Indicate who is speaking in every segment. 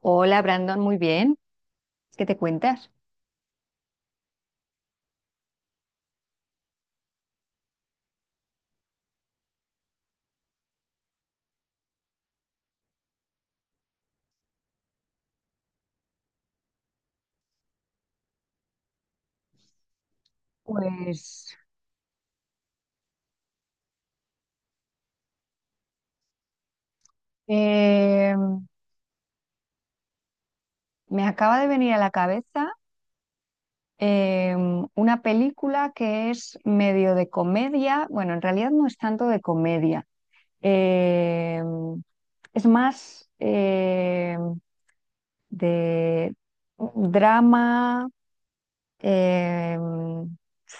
Speaker 1: Hola Brandon, muy bien. ¿Qué te cuentas? Pues eh, me acaba de venir a la cabeza eh, una película que es medio de comedia, bueno, en realidad no es tanto de comedia, eh, es más de drama, eh,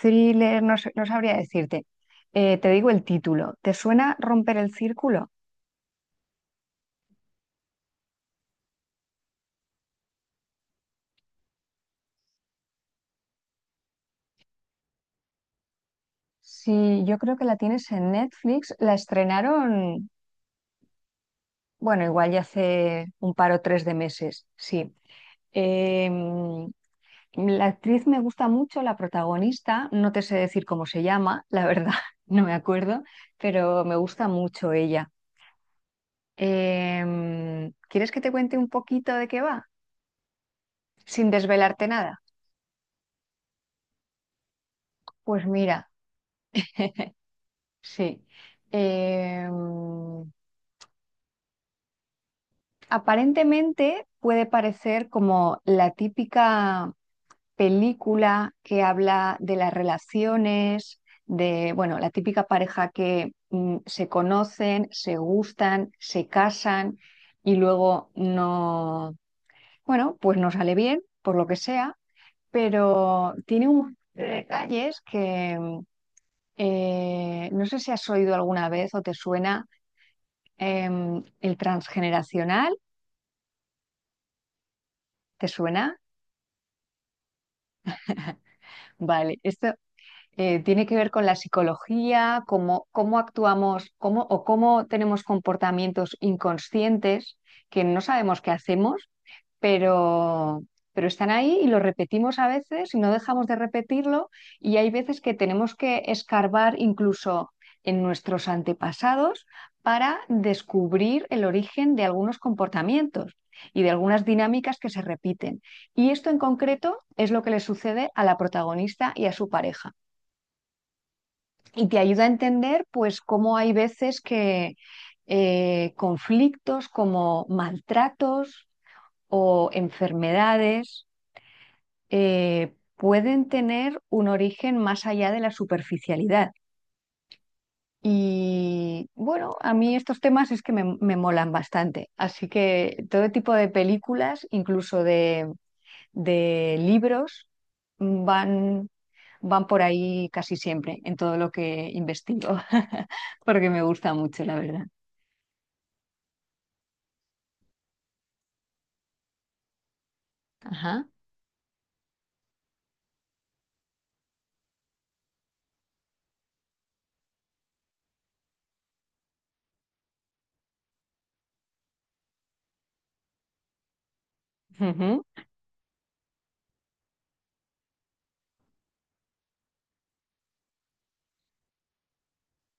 Speaker 1: thriller, no sabría decirte. Te digo el título, ¿te suena Romper el Círculo? Sí, yo creo que la tienes en Netflix. La estrenaron, bueno, igual ya hace un par o tres de meses, sí. Em, la actriz me gusta mucho, la protagonista, no te sé decir cómo se llama, la verdad, no me acuerdo, pero me gusta mucho ella. ¿Quieres que te cuente un poquito de qué va? Sin desvelarte nada. Pues mira, sí. Em, Aparentemente puede parecer como la típica película que habla de las relaciones, de, bueno, la típica pareja que se conocen, se gustan, se casan y luego no, bueno, pues no sale bien, por lo que sea, pero tiene unos detalles que no sé si has oído alguna vez o te suena el transgeneracional. ¿Te suena? Vale, esto tiene que ver con la psicología, cómo actuamos cómo, o cómo tenemos comportamientos inconscientes que no sabemos qué hacemos, pero, pero están ahí y lo repetimos a veces y no dejamos de repetirlo y hay veces que tenemos que escarbar incluso en nuestros antepasados para descubrir el origen de algunos comportamientos y de algunas dinámicas que se repiten. Y esto en concreto es lo que le sucede a la protagonista y a su pareja y te ayuda a entender pues cómo hay veces que conflictos como maltratos o enfermedades pueden tener un origen más allá de la superficialidad. Y bueno, a mí estos temas es que me molan bastante. Así que todo tipo de películas, incluso de libros, van van por ahí casi siempre en todo lo que investigo, porque me gusta mucho, la verdad. Ajá. Ujú.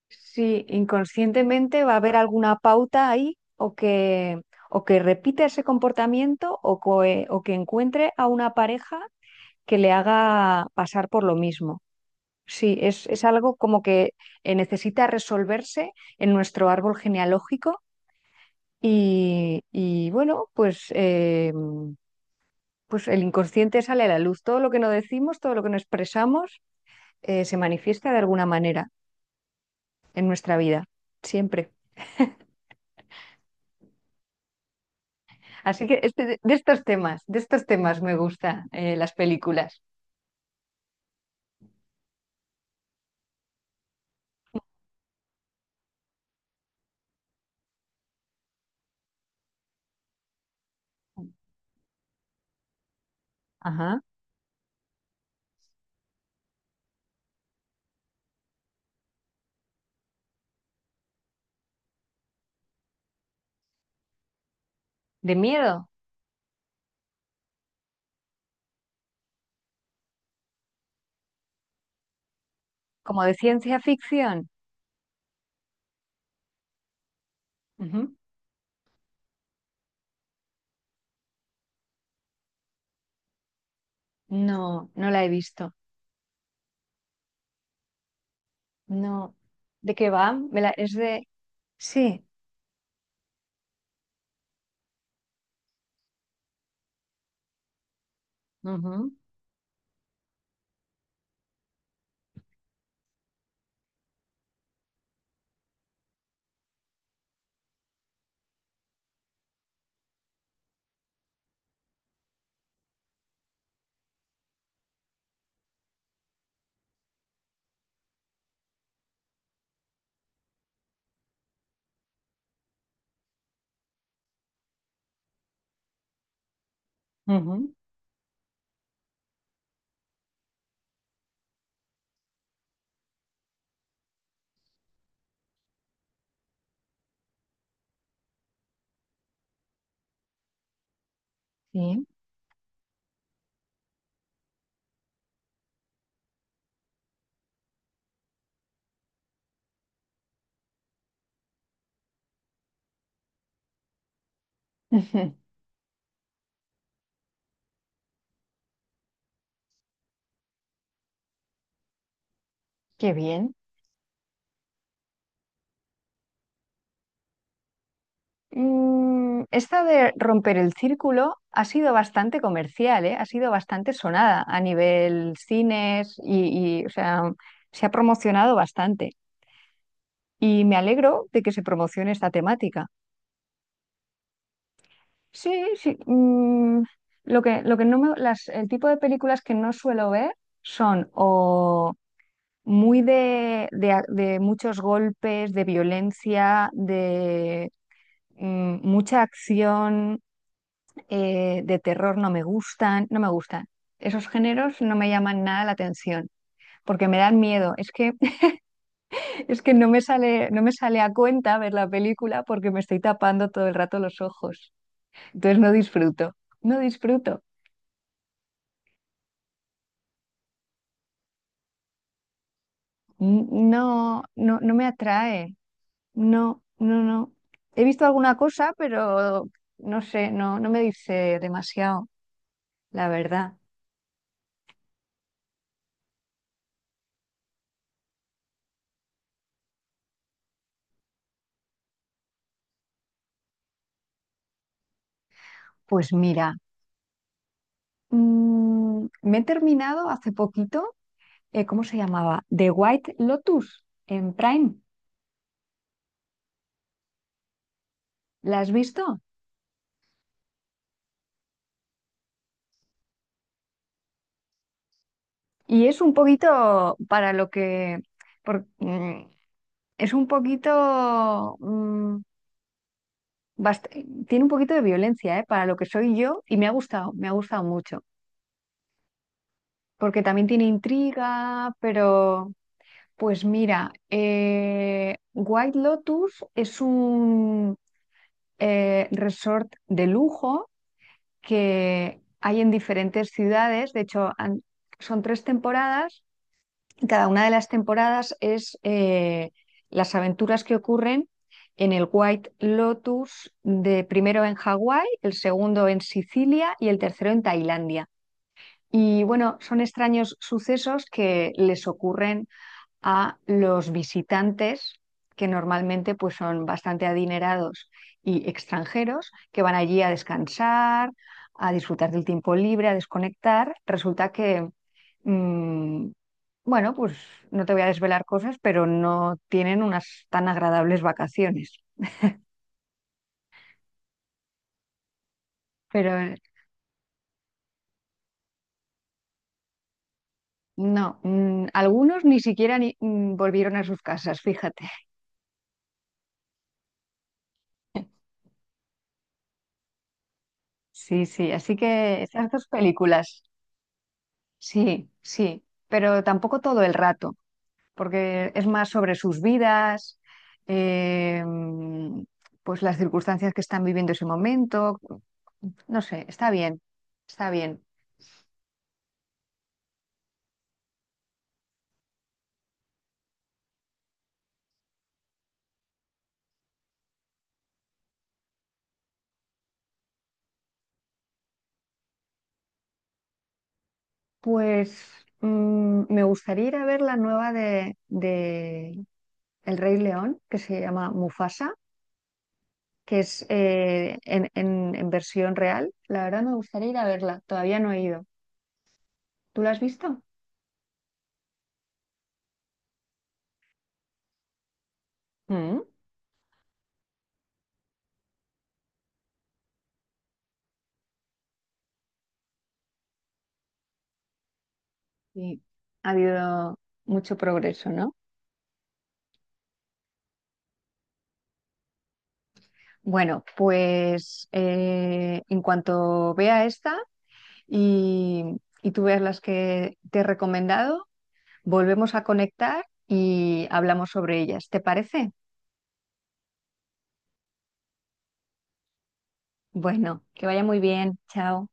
Speaker 1: Sí, inconscientemente va a haber alguna pauta ahí o que repita ese comportamiento o que encuentre a una pareja que le haga pasar por lo mismo. Sí, es algo como que necesita resolverse en nuestro árbol genealógico y bueno, pues el inconsciente sale a la luz. Todo lo que no decimos, todo lo que no expresamos, se manifiesta de alguna manera en nuestra vida, siempre. Así que de estos temas me gustan las películas. Ajá. De miedo, como de ciencia ficción. Ujú. No, no la he visto. No. ¿De qué va? Me la- es de... Sí. Ujú, ujú, sí. Qué bien. Mm, esta de romper el círculo ha sido bastante comercial, ¿eh? Ha sido bastante sonada a nivel cines o sea, se ha promocionado bastante. Y me alegro de que se promocione esta temática. Sí, sí. Lo que, lo que no me- las, el tipo de películas que no suelo ver son o muy de, de muchos golpes, de violencia, de mucha acción de terror no me gustan, no me gustan. Esos géneros no me llaman nada la atención porque me dan miedo. Es que, es que no me sale, no me sale a cuenta ver la película porque me estoy tapando todo el rato los ojos. Entonces no disfruto, no disfruto. N- No, no, no me atrae. No, no, no. He visto alguna cosa, pero no sé, no, no me dice demasiado, la verdad. Pues mira, me he terminado hace poquito ¿cómo se llamaba? The White Lotus en Prime. ¿La has visto? Y es un poquito para lo que... por- mm, es un poquito... bast- tiene un poquito de violencia, ¿eh? Para lo que soy yo y me ha gustado mucho. Porque también tiene intriga, pero... Pues mira, White Lotus es un resort de lujo que hay en diferentes ciudades. De hecho, son tres temporadas. Y cada una de las temporadas es las aventuras que ocurren en el White Lotus, de primero en Hawái, el segundo en Sicilia y el tercero en Tailandia. Y bueno, son extraños sucesos que les ocurren a los visitantes, que normalmente pues, son bastante adinerados y extranjeros, que van allí a descansar, a disfrutar del tiempo libre, a desconectar. Resulta que, mm, bueno, pues no te voy a desvelar cosas, pero no tienen unas tan agradables vacaciones. Pero no, algunos ni siquiera volvieron a sus casas, fíjate. Sí, sí, así que esas dos películas. Sí, sí, pero tampoco todo el rato, porque es más sobre sus vidas, eh, mm, pues las circunstancias que están viviendo ese momento. No sé, está bien, está bien. Pues me gustaría ir a ver la nueva de El Rey León, que se llama Mufasa, que es en versión real. La verdad me gustaría ir a verla, todavía no he ido. ¿Tú la has visto? Mm, sí. Ha habido mucho progreso, ¿no? Bueno, pues en cuanto vea esta y, y tú veas las que te he recomendado, volvemos a conectar y hablamos sobre ellas. ¿Te parece? Bueno, que vaya muy bien. Chao.